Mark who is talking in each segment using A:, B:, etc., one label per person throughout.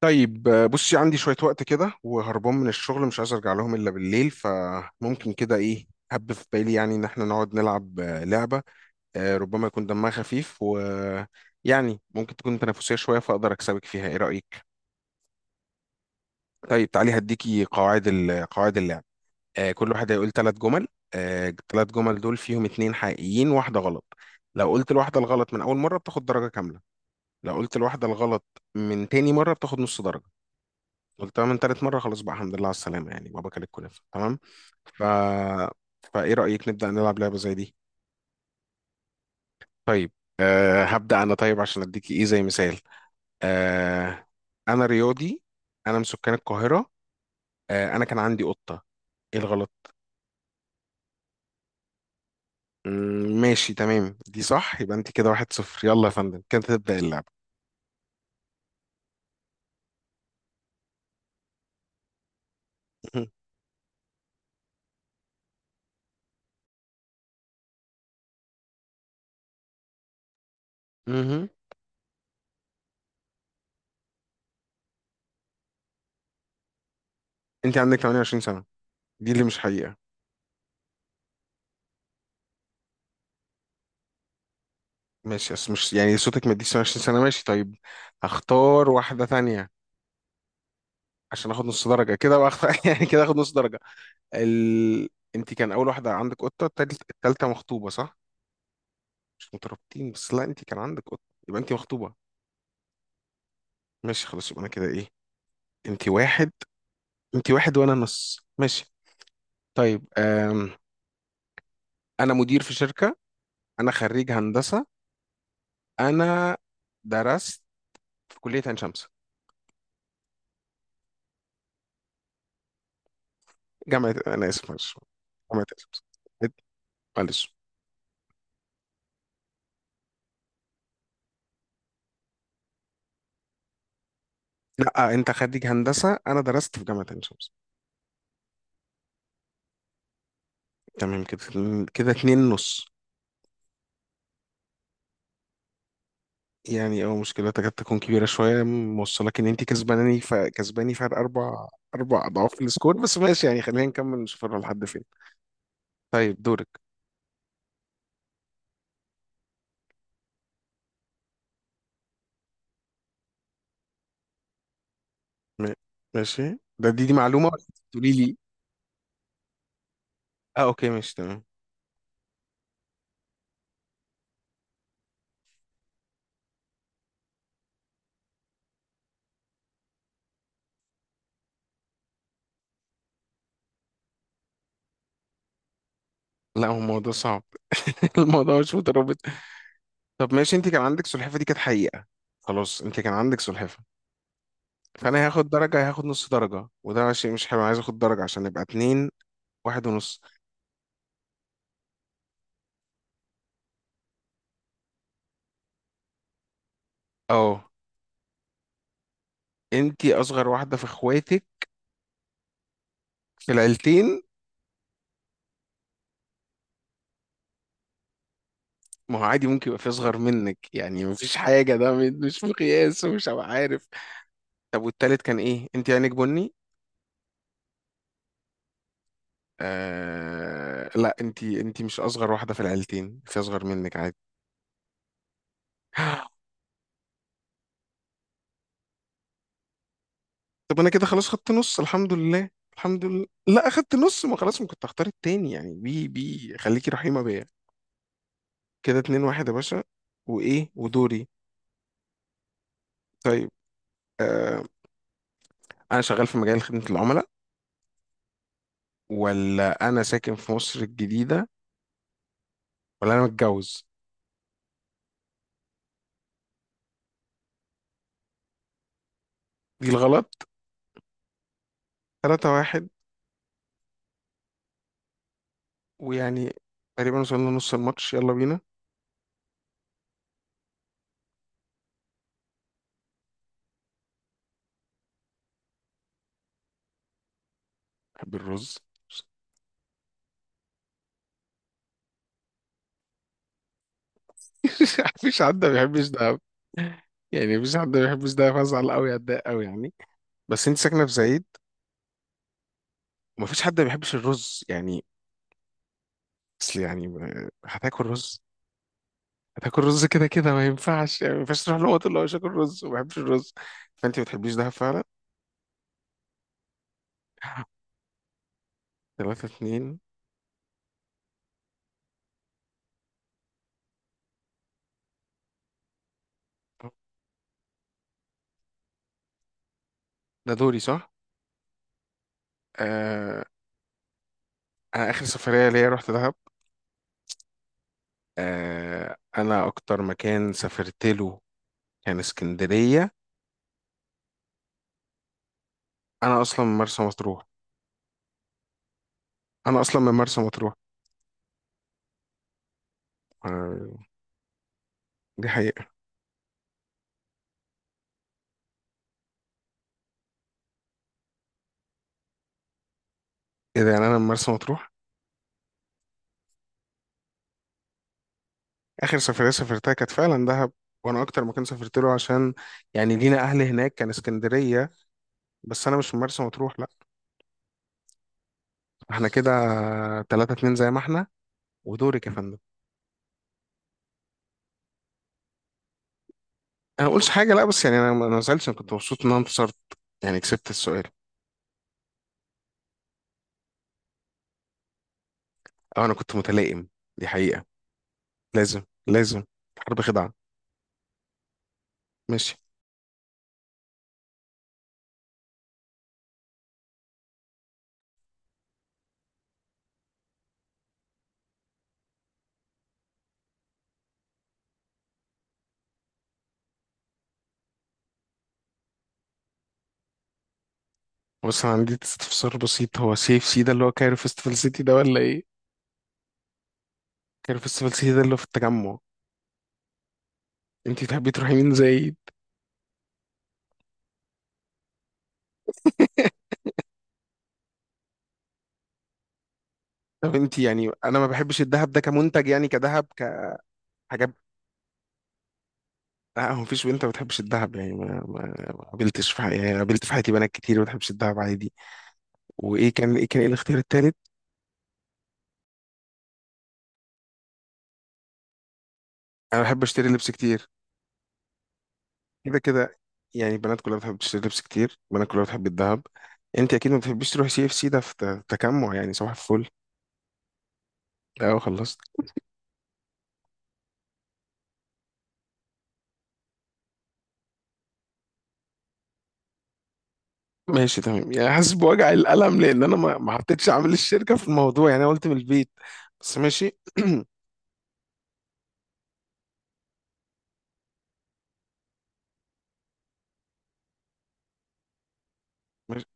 A: طيب، بصي، عندي شوية وقت كده وهربان من الشغل، مش عايز أرجع لهم إلا بالليل، فممكن كده إيه هب في بالي، يعني إن إحنا نقعد نلعب لعبة. ربما يكون دمها خفيف، و يعني ممكن تكون تنافسية شوية فأقدر أكسبك فيها. إيه رأيك؟ طيب تعالي هديكي قواعد قواعد اللعب. كل واحد هيقول ثلاث جمل. الثلاث جمل دول فيهم اتنين حقيقيين واحدة غلط. لو قلت الواحدة الغلط من أول مرة بتاخد درجة كاملة. لو قلت الواحدة الغلط من تاني مرة بتاخد نص درجة. قلتها من تالت مرة خلاص بقى الحمد لله على السلامة، يعني بابا كان الكنافة تمام. ف... فإيه رأيك نبدأ نلعب لعبة زي دي؟ طيب، هبدأ أنا، طيب عشان أديكي إيه زي مثال. أه أنا رياضي. أنا من سكان القاهرة. أنا كان عندي قطة. إيه الغلط؟ ماشي تمام، دي صح. يبقى أنت كده واحد صفر، يلا يا فندم كده تبدأ اللعبة. مهم. أنت عندك 28 سنة، دي اللي مش حقيقة. ماشي، أصل مش يعني صوتك ما يديش 28 سنة، ماشي طيب، هختار واحدة تانية عشان اخد نص درجه كده بقى. يعني كده اخد نص درجه. ال... انت كان اول واحده عندك قطه، التالته مخطوبه، صح؟ مش مترابطين بس، لا انت كان عندك قطه، يبقى انت مخطوبه. ماشي خلاص، يبقى انا كده ايه؟ انت واحد انت واحد وانا نص، ماشي. طيب انا مدير في شركه. انا خريج هندسه. انا درست في كليه عين شمس. جامعه، انا اسف معلش. جامعه عين شمس. معلش. لا انت خريج هندسه، انا درست في جامعه عين شمس. تمام كده، كده اتنين نص. يعني اه مشكلة تكاد تكون كبيرة شوية موصلك ان انت كسباناني، كسباني فرق اربع اضعاف السكور، بس ماشي يعني، خلينا نكمل نشوف هنروح لحد فين. طيب دورك. م... ماشي ده، دي معلومة، ولا تقولي لي؟ اه اوكي ماشي تمام. لا هو الموضوع صعب. الموضوع مش مترابط. طب ماشي، انت كان عندك سلحفة، دي كانت حقيقة. خلاص، انت كان عندك سلحفة، فانا هاخد درجة، هاخد نص درجة، وده شيء مش حلو، عايز اخد درجة عشان نبقى اتنين واحد ونص. اه، انت اصغر واحدة في اخواتك، في العيلتين. ما هو عادي، ممكن يبقى في اصغر منك، يعني مفيش حاجه، ده مش مقياس ومش هبقى عارف. طب والتالت كان ايه؟ انت عينك بني. لا انت، مش اصغر واحده في العيلتين، في اصغر منك عادي. طب انا كده خلاص خدت نص، الحمد لله الحمد لله. لا اخدت نص، ما خلاص ما كنت هختار التاني يعني، بي خليكي رحيمه بيا. كده اتنين واحد يا باشا. وايه ودوري. طيب آه... انا شغال في مجال خدمه العملاء. ولا انا ساكن في مصر الجديده. ولا انا متجوز. دي الغلط. تلاتة واحد. ويعني تقريبا وصلنا نص الماتش، يلا بينا. بحب الرز. مفيش حد ما بيحبش ده، يعني مفيش حد ما بيحبش ده فازعل قوي اتضايق قوي يعني. بس انت ساكنة في زايد، ومفيش حد ما بيحبش الرز يعني. اصل يعني هتاكل رز، هتاكل رز كده كده، ما ينفعش، يعني ما ينفعش تروح لهم وتقول له مش هاكل رز وما بحبش الرز، فانت ما بتحبيش ده فعلا. تلاتة اتنين. ده دوري، صح؟ آه أنا آخر سفرية ليا رحت دهب. أنا أكتر مكان سافرت له كان اسكندرية. أنا أصلا من مرسى مطروح. أنا أصلا من مرسى مطروح. آه، دي حقيقة. إيه ده، يعني أنا من مرسى مطروح. آخر سفرية سافرتها كانت فعلا دهب. وأنا أكتر مكان سافرت له، عشان يعني لينا أهل هناك، كان اسكندرية. بس أنا مش من مرسى مطروح لأ. إحنا كده تلاتة اتنين زي ما إحنا. ودورك يا فندم. أنا ما قلتش حاجة لأ، بس يعني أنا ما زعلتش، أنا كنت مبسوط إن أنا انتصرت، يعني كسبت السؤال. أو أنا كنت متلائم، دي حقيقة. لازم لازم، حرب خدعة. ماشي. بص انا عندي استفسار بسيط، هو سي اف سي ده اللي هو كايرو فيستيفال سيتي ده، ولا ايه؟ كايرو فيستيفال سيتي ده اللي هو في التجمع. انت تحبي تروحي مين زي. طب انت يعني، انا ما بحبش الذهب ده كمنتج، يعني كذهب كحاجات. لا، هو مفيش بنت ما بتحبش الذهب يعني، ما قابلتش في حياتي، يعني قابلت في حياتي بنات كتير ما بتحبش الذهب عادي. وايه كان ايه، كان ايه الاختيار التالت؟ انا بحب اشتري لبس كتير. كده كده يعني، البنات كلها بتحب تشتري لبس كتير، البنات كلها بتحب الذهب. انت اكيد ما بتحبيش تروحي سي اف سي ده، في تجمع يعني صباح الفل. لا خلصت. ماشي تمام، يعني حاسس بوجع القلم لان انا ما حطيتش عامل الشركه في الموضوع، يعني انا قلت من البيت. بس ماشي. ماشي.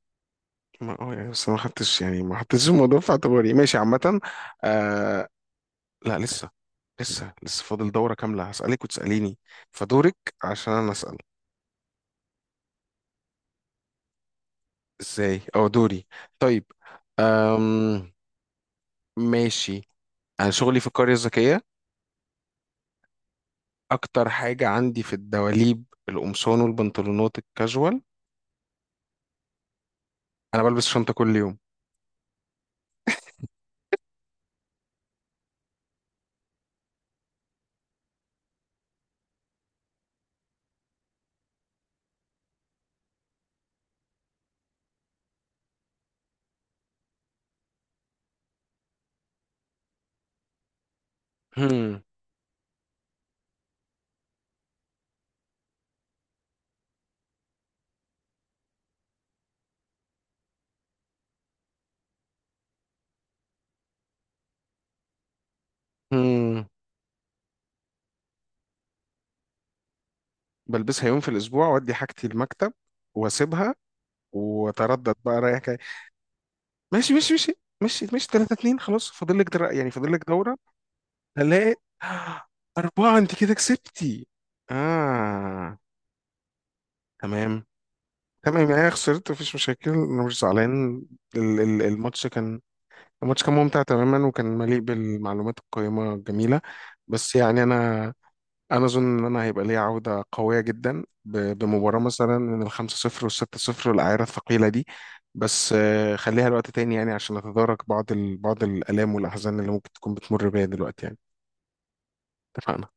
A: ما اه يعني بس ما حطيتش الموضوع في اعتباري، ماشي عامه. آه، لا لسه لسه فاضل دوره كامله، هسالك وتساليني، فدورك عشان انا اسال. ازاي؟ او دوري. طيب أم ماشي. انا شغلي في القريه الذكيه. اكتر حاجه عندي في الدواليب القمصان والبنطلونات الكاجوال. انا بلبس شنطه كل يوم. مم. بلبسها يوم في الاسبوع وادي حاجتي المكتب، واسيبها، واتردد بقى رايح جاي. ماشي ماشي ماشي، ماشي ماشي 3 2، خلاص فاضل لك يعني فاضل لك دوره. هلاقي. أربعة، أنت كده كسبتي. آه، تمام تمام، يعني أنا خسرت، مفيش مشاكل، أنا مش زعلان. ال- ال- الماتش كان الماتش كان ممتع تماما، وكان مليء بالمعلومات القيمة الجميلة. بس يعني أنا، اظن ان انا هيبقى ليا عوده قويه جدا، بمباراه مثلا من الخمسة صفر والستة صفر والاعيره الثقيله دي. بس خليها لوقت تاني، يعني عشان نتدارك بعض بعض الالام والاحزان اللي ممكن تكون بتمر بيها دلوقتي يعني. اتفقنا.